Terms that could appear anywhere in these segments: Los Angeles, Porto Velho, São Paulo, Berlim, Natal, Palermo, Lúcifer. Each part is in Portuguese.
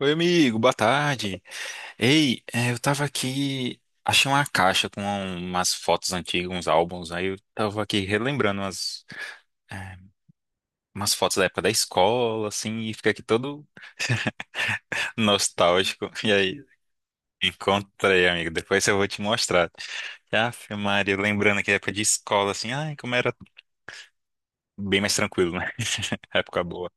Oi, amigo, boa tarde. Ei, é, eu tava aqui, achei uma caixa com umas fotos antigas, uns álbuns, aí eu tava aqui relembrando é, umas fotos da época da escola, assim, e fica aqui todo nostálgico. E aí, encontrei, amigo, depois eu vou te mostrar. Aff, Maria, lembrando aqui a época de escola, assim, ai, como era bem mais tranquilo, né? Época boa.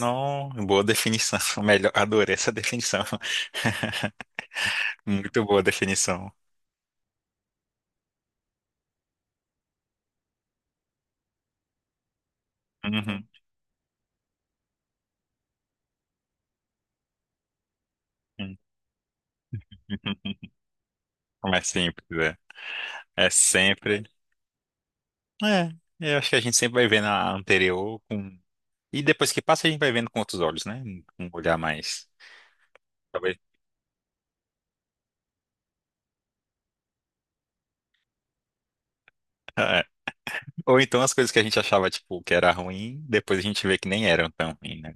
Não, boa definição, melhor, adorei essa definição. Muito boa definição. Uhum. Como é simples, é. É sempre. É, eu acho que a gente sempre vai vendo a anterior com. E depois que passa, a gente vai vendo com outros olhos, né? Um olhar mais. Talvez. É. Ou então as coisas que a gente achava, tipo, que era ruim, depois a gente vê que nem eram tão ruim, né?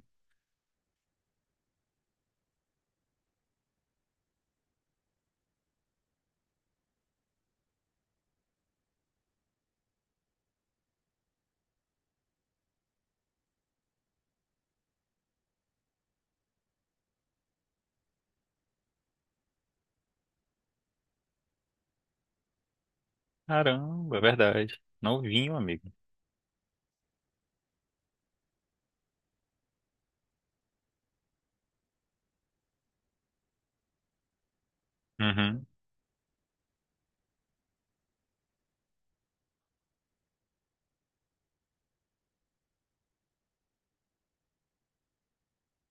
Caramba, é verdade. Novinho, amigo. Uhum.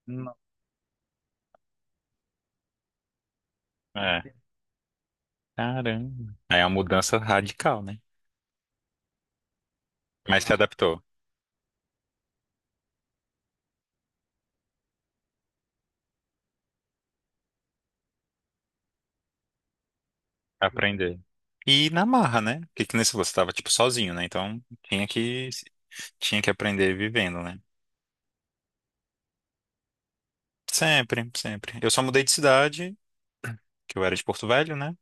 Não- É. Caramba. Aí é uma mudança radical, né? Mas se adaptou. Aprender. E na marra, né? Porque que nem se você tava, tipo, sozinho, né? Então, tinha que aprender vivendo, né? Sempre, sempre. Eu só mudei de cidade, que eu era de Porto Velho, né?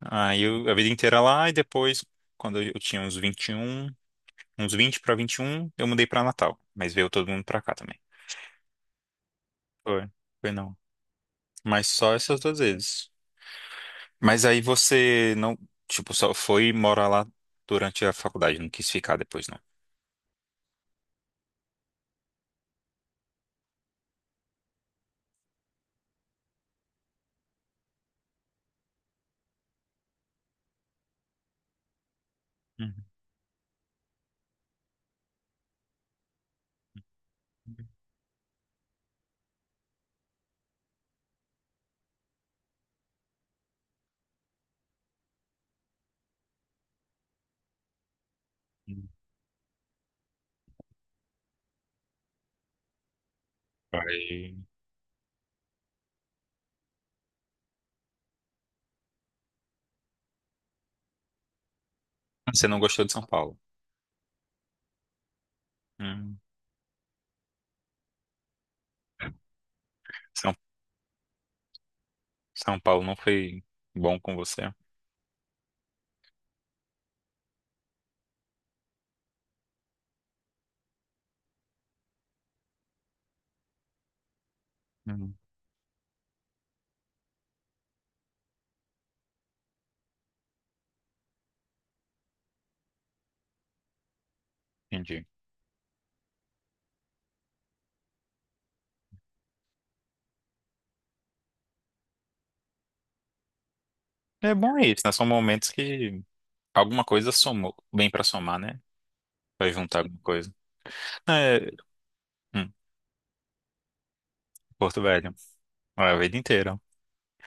Aí eu, a vida inteira lá, e depois, quando eu tinha uns 21, uns 20 pra um, eu mudei pra Natal. Mas veio todo mundo pra cá também. Foi, foi não. Mas só essas duas vezes. Mas aí você não, tipo, só foi morar lá durante a faculdade, não quis ficar depois, não. Uhum. Aí, você não gostou de São Paulo? Hum. São, São Paulo não foi bom com você? Hum, entendi. É bom é isso, né? São momentos que alguma coisa somou, bem pra somar, né? Vai juntar alguma coisa. É, hum, Porto Velho, a vida inteira.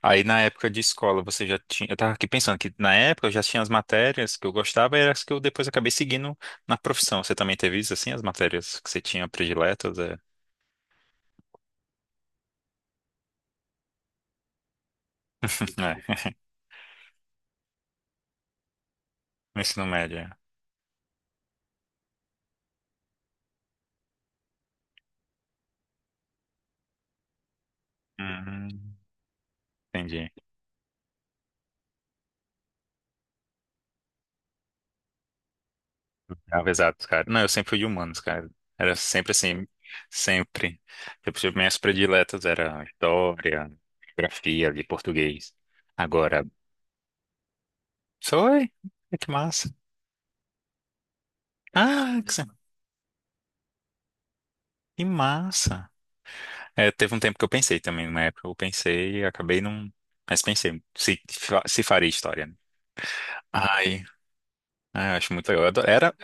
Aí na época de escola você já tinha. Eu tava aqui pensando que na época eu já tinha as matérias que eu gostava e eram as que eu depois acabei seguindo na profissão. Você também teve isso assim, as matérias que você tinha prediletas? É, no ensino médio. É. Hum, entendi. Ah, exato, cara. Não, eu sempre fui de humanos, cara. Era sempre assim, sempre. Tipo, minhas prediletas era história, geografia, ali, português. Agora, oi, é que massa. Ah, que massa. É, teve um tempo que eu pensei também, numa época eu pensei e acabei não... Mas pensei, se faria história, né? Ai, ai, eu acho muito legal. Era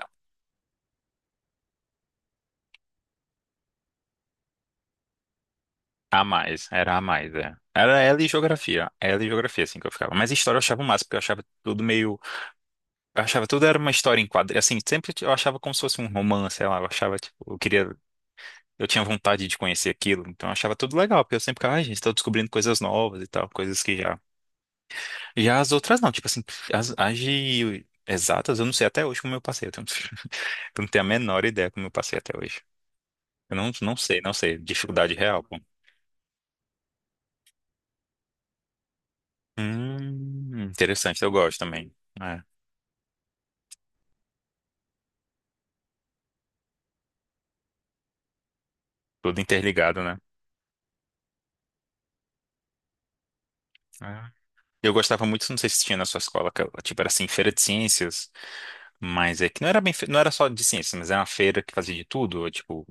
a mais, Era a mais, é. Era ela e geografia, assim, que eu ficava. Mas história eu achava o máximo, porque eu achava tudo meio. Eu achava tudo era uma história em quadro. Assim, sempre eu achava como se fosse um romance, sei lá, eu achava, tipo, eu queria, eu tinha vontade de conhecer aquilo, então eu achava tudo legal, porque eu sempre ficava, ai, gente, tô descobrindo coisas novas e tal, coisas que já. Já as outras não, tipo assim, as de exatas, eu não sei até hoje como eu passei, eu não tenho a menor ideia como eu passei até hoje. Eu não, não sei, não sei, dificuldade real, pô. Interessante, eu gosto também. É, tudo interligado, né? É. Eu gostava muito, não sei se tinha na sua escola, que, tipo, era assim, feira de ciências. Mas é que não era bem, não era só de ciências, mas era uma feira que fazia de tudo, tipo,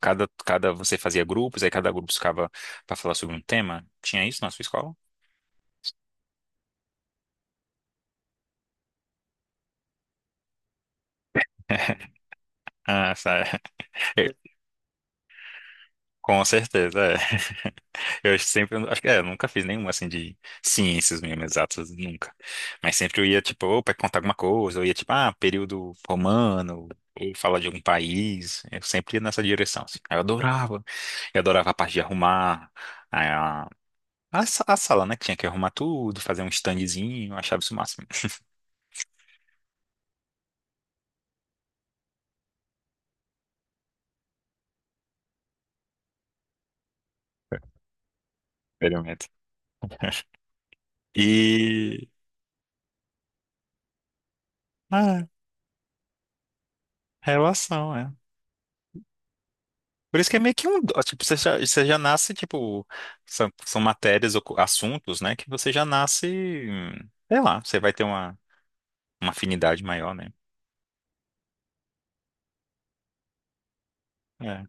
cada você fazia grupos, aí cada grupo ficava para falar sobre um tema. Tinha isso na sua escola? Ah, sabe. Com certeza, é. Eu acho que sempre, acho que é, eu nunca fiz nenhuma assim de ciências mesmo, exatas, nunca. Mas sempre eu ia, tipo, ou para contar alguma coisa, eu ia, tipo, ah, período romano, ou falar de algum país. Eu sempre ia nessa direção, assim. Aí eu adorava. Eu adorava a parte de arrumar, a sala, né? Que tinha que arrumar tudo, fazer um standzinho, eu achava isso o máximo. Experimento. E. Ah, relação, é. Por isso que é meio que um dó, tipo, você já nasce, tipo. São matérias ou assuntos, né? Que você já nasce. Sei lá, você vai ter uma afinidade maior, né? É.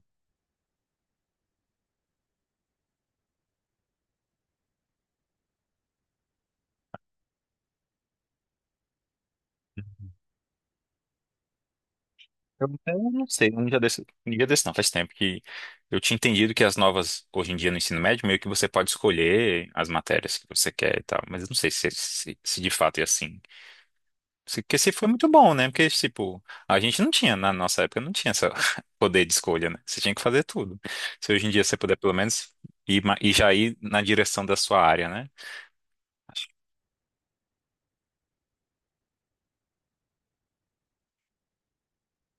Eu até não sei, um dia desse não, faz tempo que eu tinha entendido que as novas, hoje em dia no ensino médio, meio que você pode escolher as matérias que você quer e tal, mas eu não sei se de fato é assim. Porque se foi muito bom, né? Porque, tipo, a gente não tinha, na nossa época, não tinha esse poder de escolha, né? Você tinha que fazer tudo. Se hoje em dia você puder, pelo menos, e já ir na direção da sua área, né?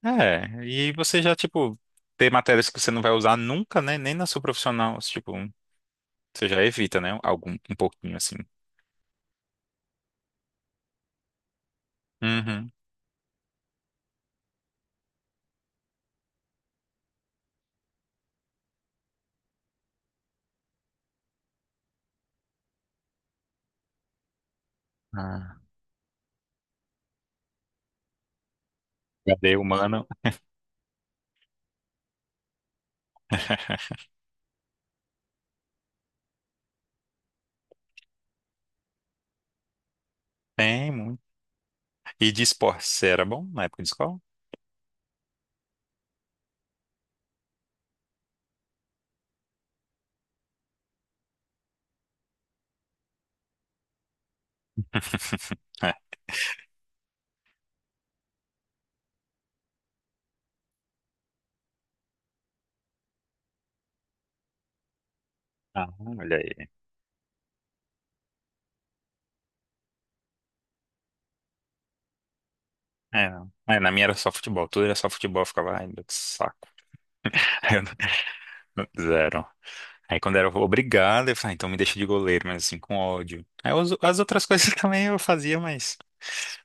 É, e você já, tipo, ter matérias que você não vai usar nunca, né? Nem na sua profissional, tipo, você já evita, né? Algum, um pouquinho, assim. Uhum. Ah, cadê humano? Tem muito. E de esporte, você era bom na época de escola? É. Ah, olha aí. É, não. É, na minha era só futebol, tudo era só futebol, eu ficava, ai, meu que saco. Aí eu zero. Aí quando era obrigado, eu falei, ah, então me deixa de goleiro, mas assim, com ódio. Aí as outras coisas também eu fazia, mas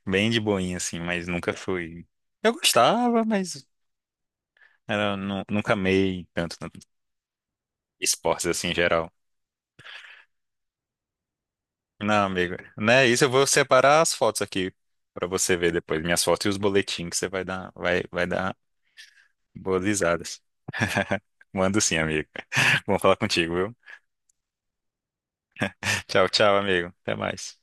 bem de boinha, assim, mas nunca fui. Eu gostava, mas nunca amei tanto, tanto esportes assim em geral. Não, amigo, né? Isso eu vou separar as fotos aqui pra você ver depois, minhas fotos e os boletins que você vai dar, vai dar boas risadas. Mando sim, amigo. Vamos falar contigo, viu? Tchau, tchau, amigo. Até mais.